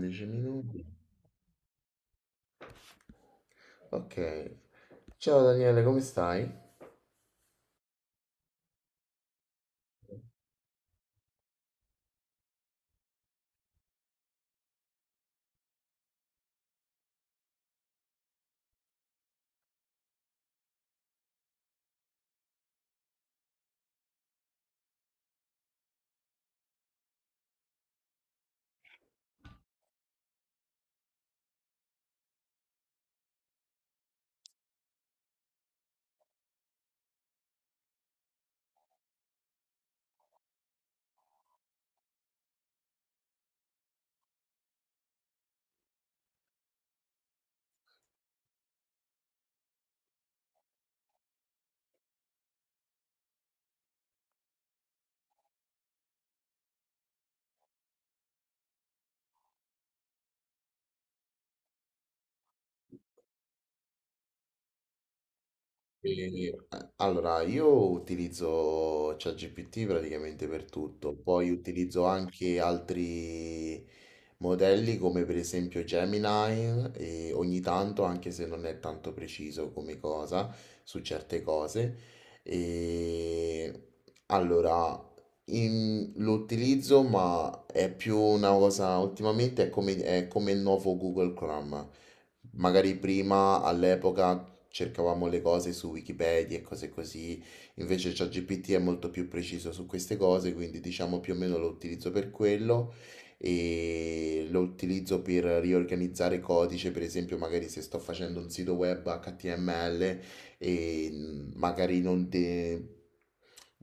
10 minuti. Ok. Ciao Daniele, come stai? E, allora, io utilizzo ChatGPT praticamente per tutto, poi utilizzo anche altri modelli come per esempio Gemini e ogni tanto, anche se non è tanto preciso come cosa, su certe cose. E allora, lo utilizzo, ma è più una cosa, ultimamente è come il nuovo Google Chrome. Magari prima all'epoca cercavamo le cose su Wikipedia e cose così, invece ChatGPT è molto più preciso su queste cose, quindi diciamo più o meno lo utilizzo per quello e lo utilizzo per riorganizzare codice, per esempio magari se sto facendo un sito web HTML e mm, magari non de-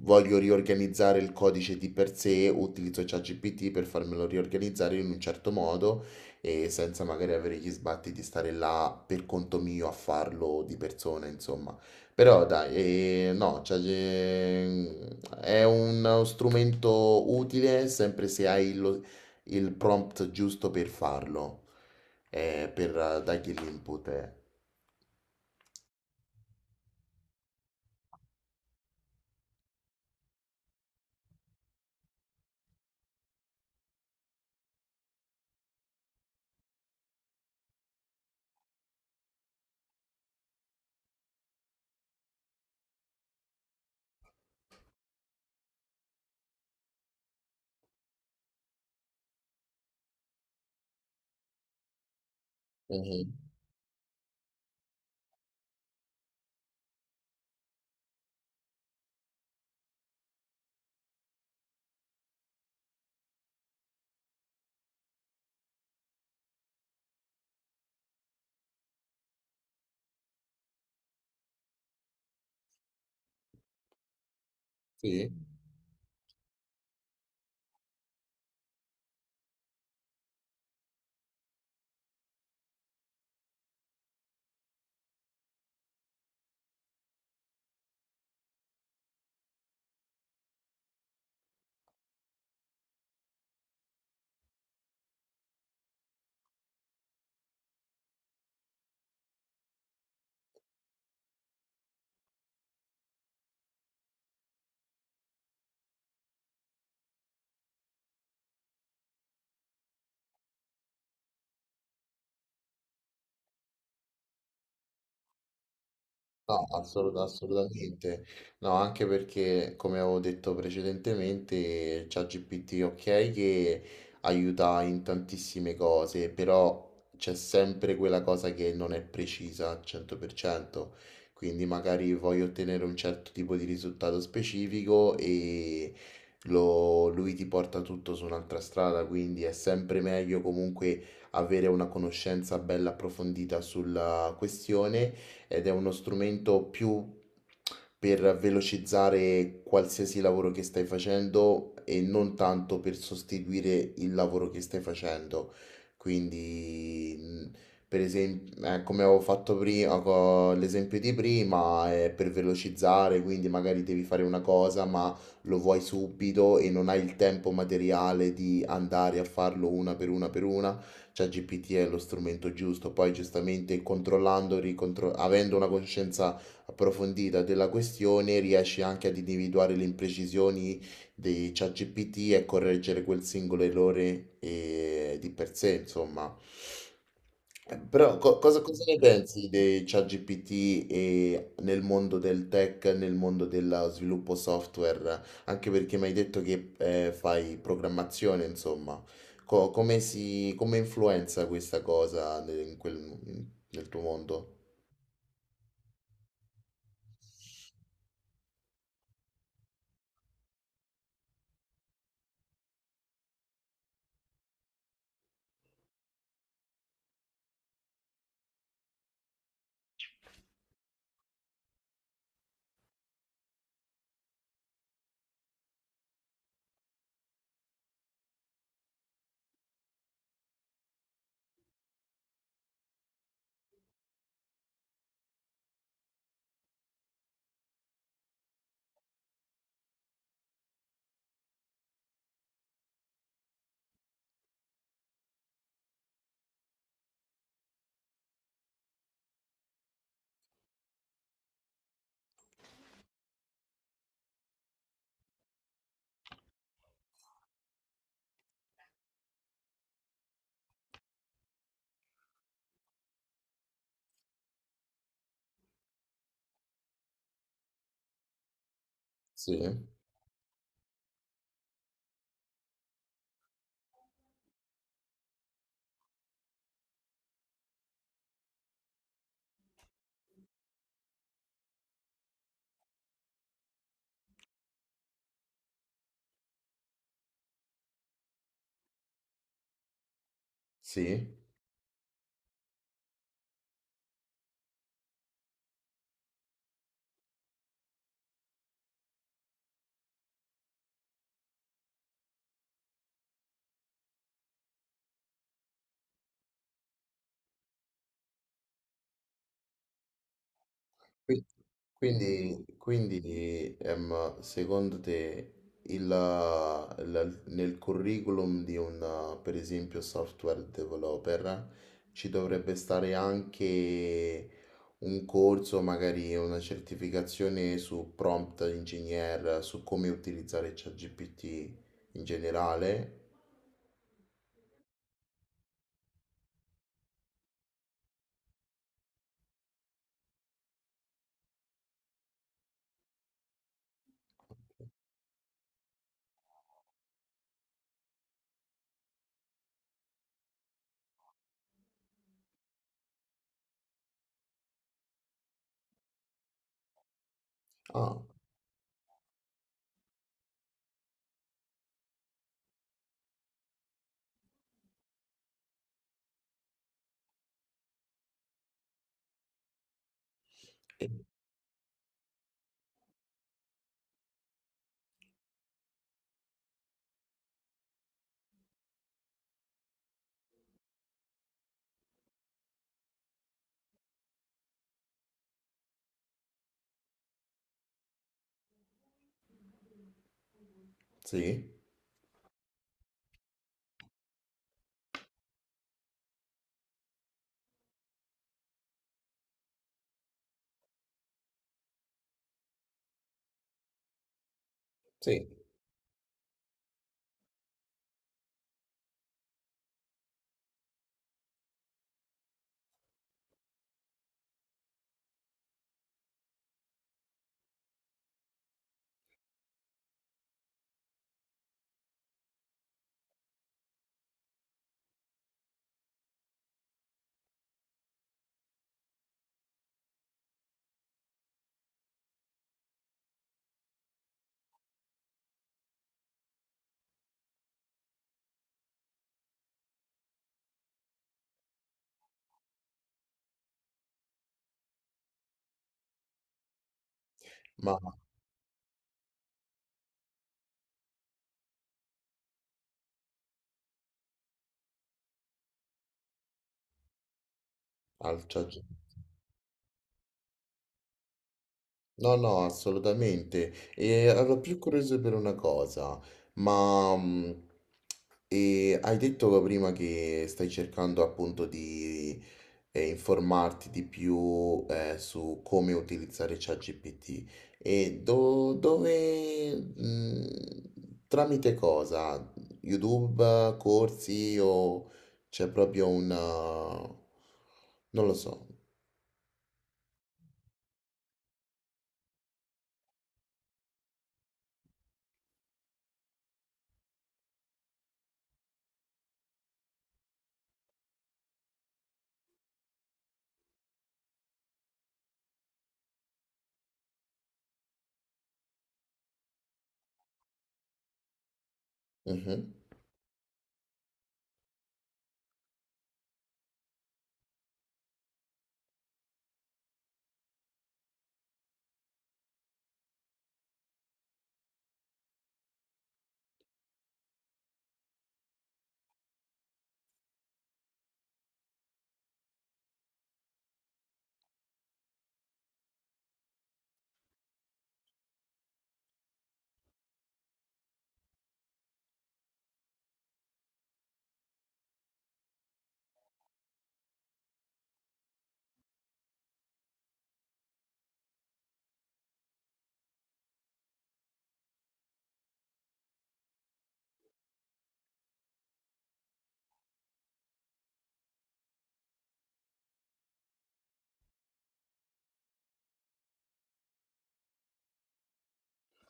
voglio riorganizzare il codice di per sé, utilizzo ChatGPT per farmelo riorganizzare in un certo modo e senza magari avere gli sbatti di stare là per conto mio a farlo di persona, insomma. Però dai, no, cioè, è uno strumento utile sempre se hai il prompt giusto per farlo, per dargli l'input. Mhm. Sì. Assolutamente. No, anche perché, come avevo detto precedentemente, ChatGPT ok che aiuta in tantissime cose, però c'è sempre quella cosa che non è precisa al 100%. Quindi magari voglio ottenere un certo tipo di risultato specifico e lui ti porta tutto su un'altra strada, quindi è sempre meglio comunque avere una conoscenza bella approfondita sulla questione ed è uno strumento più per velocizzare qualsiasi lavoro che stai facendo e non tanto per sostituire il lavoro che stai facendo. Quindi, per esempio, come avevo fatto prima, l'esempio di prima è per velocizzare, quindi magari devi fare una cosa, ma lo vuoi subito e non hai il tempo materiale di andare a farlo una per una per una. ChatGPT è lo strumento giusto. Poi, giustamente, avendo una conoscenza approfondita della questione, riesci anche ad individuare le imprecisioni di ChatGPT e correggere quel singolo errore di per sé, insomma. Però cosa, cosa ne pensi di ChatGPT e nel mondo del tech, nel mondo dello sviluppo software? Anche perché mi hai detto che fai programmazione, insomma. Come influenza questa cosa nel tuo mondo? Sì. Sì? Sì? Qui- quindi, secondo te il, nel curriculum di un, per esempio, software developer ci dovrebbe stare anche un corso, magari una certificazione su prompt engineer, su come utilizzare ChatGPT in generale? Ah. Sì, sì, ma altra gente. No, no, assolutamente. E ero più curioso per una cosa, ma e hai detto prima che stai cercando appunto di informarti di più su come utilizzare ChatGPT e dove, mm, tramite cosa? YouTube, corsi o c'è proprio una... non lo so. Mhm.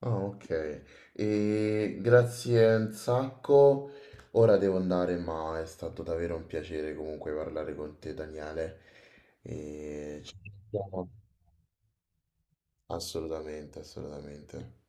Ah, ok. E grazie un sacco. Ora devo andare, ma è stato davvero un piacere comunque parlare con te, Daniele. E ci sentiamo. Assolutamente, assolutamente.